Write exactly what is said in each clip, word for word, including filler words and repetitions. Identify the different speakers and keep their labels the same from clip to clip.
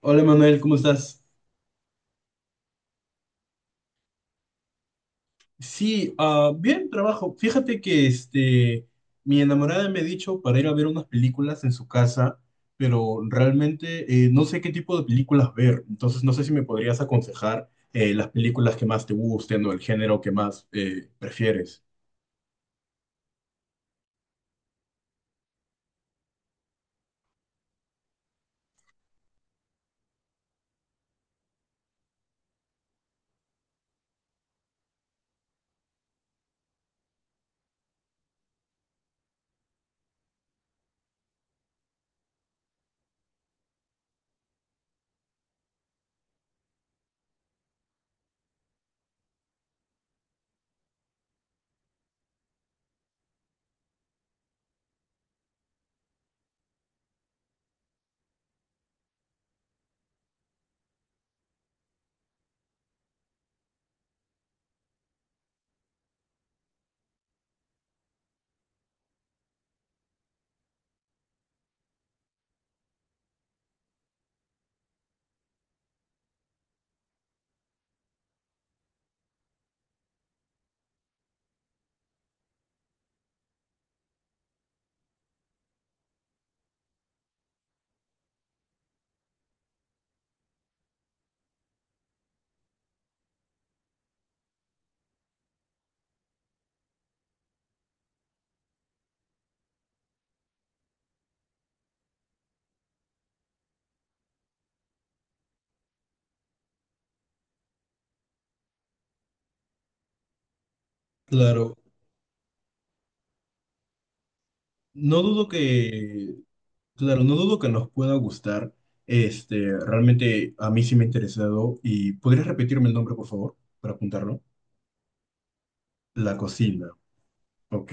Speaker 1: Hola Manuel, ¿cómo estás? Sí, ah, bien, trabajo. Fíjate que este, mi enamorada me ha dicho para ir a ver unas películas en su casa, pero realmente eh, no sé qué tipo de películas ver. Entonces no sé si me podrías aconsejar eh, las películas que más te gusten o el género que más eh, prefieres. Claro, no dudo que, claro, no dudo que nos pueda gustar. Este, realmente a mí sí me ha interesado. ¿Y podrías repetirme el nombre, por favor, para apuntarlo? La cocina. Ok.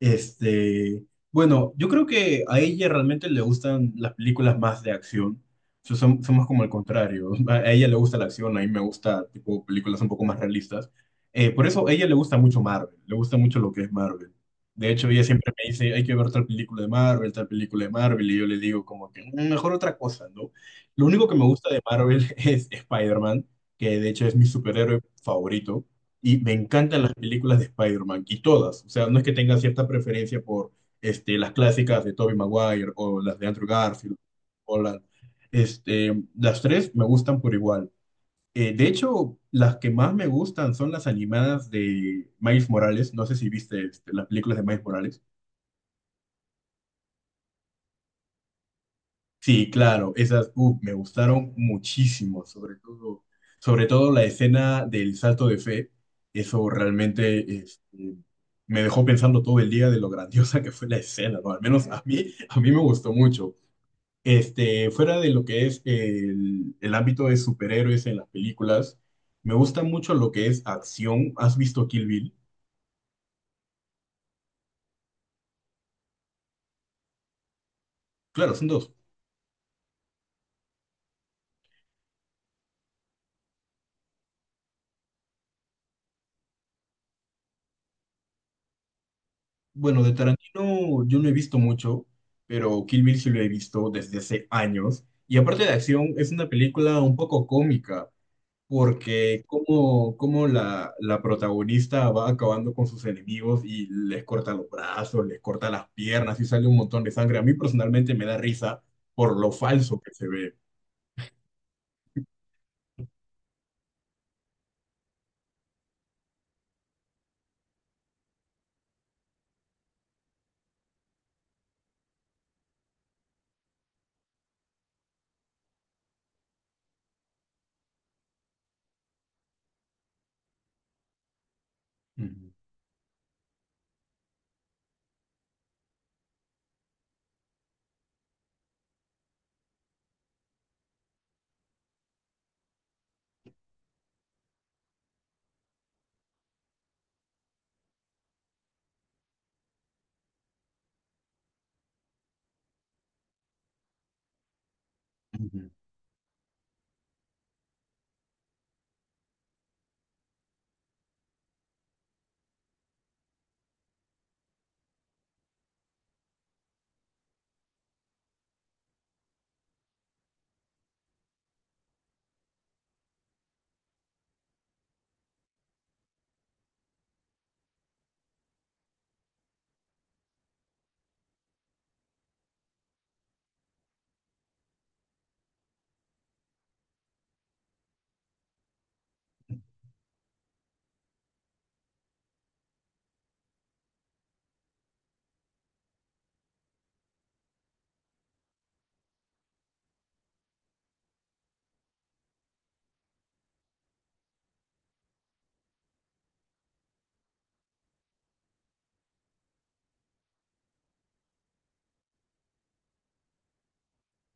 Speaker 1: Este, bueno, yo creo que a ella realmente le gustan las películas más de acción. So- som- somos como el contrario. A a ella le gusta la acción, a mí me gusta tipo películas un poco más realistas. Eh, por eso a ella le gusta mucho Marvel, le gusta mucho lo que es Marvel. De hecho, ella siempre me dice, hay que ver tal película de Marvel, tal película de Marvel, y yo le digo como que "Mm, mejor otra cosa, ¿no?" Lo único que me gusta de Marvel es Spider-Man, que de hecho es mi superhéroe favorito. Y me encantan las películas de Spider-Man, y todas. O sea, no es que tenga cierta preferencia por este, las clásicas de Tobey Maguire o las de Andrew Garfield. O las, este, las tres me gustan por igual. Eh, de hecho, las que más me gustan son las animadas de Miles Morales. No sé si viste este, las películas de Miles Morales. Sí, claro, esas uf, me gustaron muchísimo, sobre todo, sobre todo la escena del salto de fe. Eso realmente este, me dejó pensando todo el día de lo grandiosa que fue la escena, ¿no? Al menos a mí, a mí me gustó mucho. Este, fuera de lo que es el, el ámbito de superhéroes en las películas, me gusta mucho lo que es acción. ¿Has visto Kill Bill? Claro, son dos. Bueno, de Tarantino yo no he visto mucho, pero Kill Bill sí lo he visto desde hace años. Y aparte de acción, es una película un poco cómica, porque como, como la, la protagonista va acabando con sus enemigos y les corta los brazos, les corta las piernas y sale un montón de sangre. A mí personalmente me da risa por lo falso que se ve. Ujú, ujú.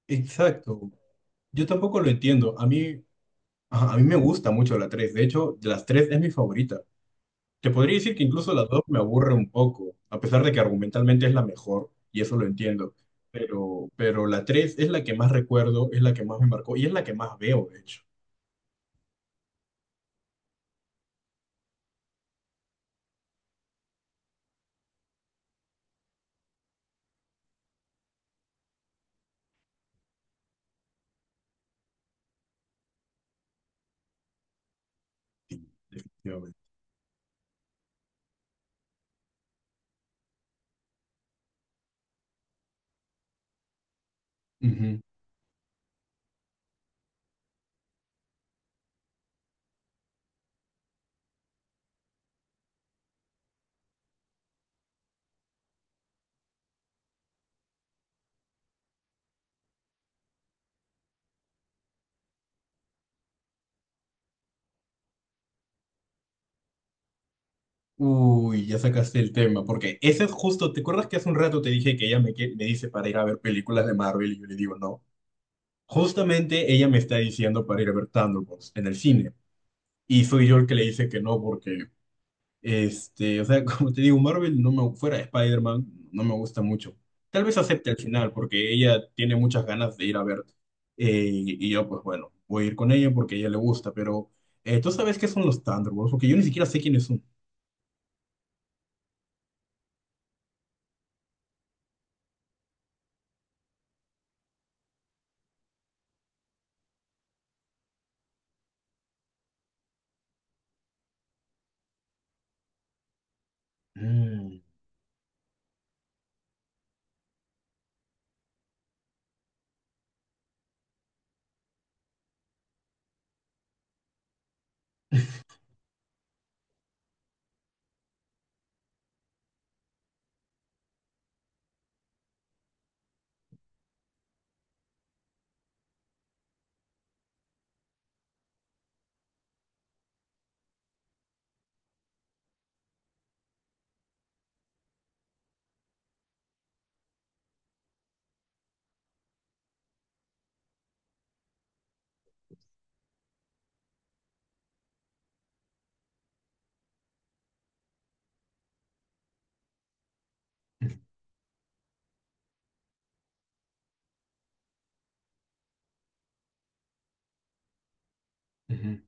Speaker 1: Exacto. Yo tampoco lo entiendo. A mí, ajá, a mí me gusta mucho la tres. De hecho, de las tres es mi favorita. Te podría decir que incluso la dos me aburre un poco, a pesar de que argumentalmente es la mejor, y eso lo entiendo. Pero, pero la tres es la que más recuerdo, es la que más me marcó y es la que más veo, de hecho. Sí, definitivamente. Ujú. Uy, ya sacaste el tema, porque ese es justo, ¿te acuerdas que hace un rato te dije que ella me, que- me dice para ir a ver películas de Marvel y yo le digo no? Justamente ella me está diciendo para ir a ver Thunderbolts en el cine. Y soy yo el que le dice que no, porque Este, o sea, como te digo, Marvel no me, fuera de Spider-Man no me gusta mucho. Tal vez acepte al final, porque ella tiene muchas ganas de ir a ver. Eh, y yo, pues bueno, voy a ir con ella porque a ella le gusta, pero eh, ¿tú sabes qué son los Thunderbolts? Porque yo ni siquiera sé quiénes son. Mm. Ujú.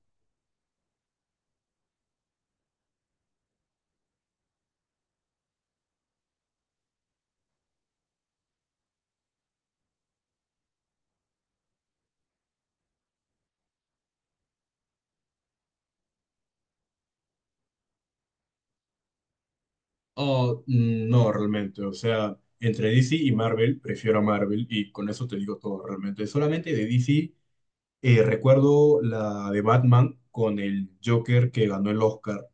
Speaker 1: Oh, mm, no, realmente. O sea, entre D C y Marvel, prefiero a Marvel y con eso te digo todo realmente. Solamente de D C eh, recuerdo la de Batman con el Joker que ganó el Oscar.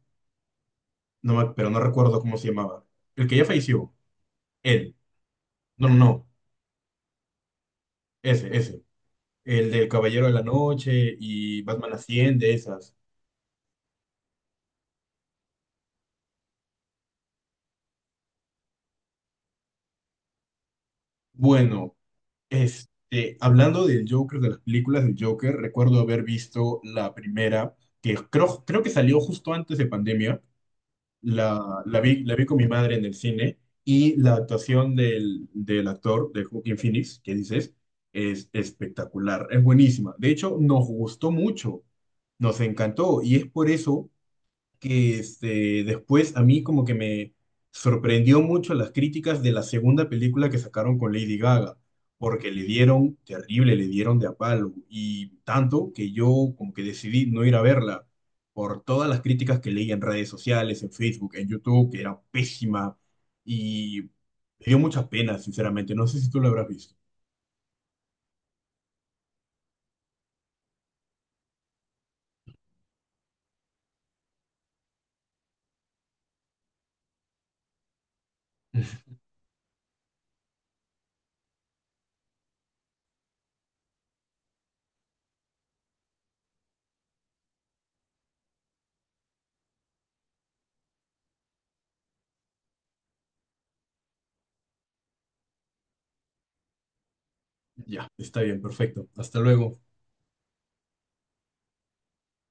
Speaker 1: No me- pero no recuerdo cómo se llamaba. El que ya falleció. Él. No, no, no. Ese, ese. El del Caballero de la Noche y Batman Asciende, esas. Bueno, este, hablando del Joker, de las películas del Joker, recuerdo haber visto la primera, que creo, creo que salió justo antes de pandemia, la, la vi, la vi con mi madre en el cine y la actuación del, del actor, de Joaquin Phoenix, que dices, es espectacular, es buenísima. De hecho, nos gustó mucho, nos encantó y es por eso que este, después a mí como que me sorprendió mucho las críticas de la segunda película que sacaron con Lady Gaga, porque le dieron terrible, le dieron de a palo, y tanto que yo como que decidí no ir a verla por todas las críticas que leí en redes sociales, en Facebook, en YouTube, que era pésima, y me dio mucha pena, sinceramente, no sé si tú lo habrás visto. Ya, está bien, perfecto. Hasta luego.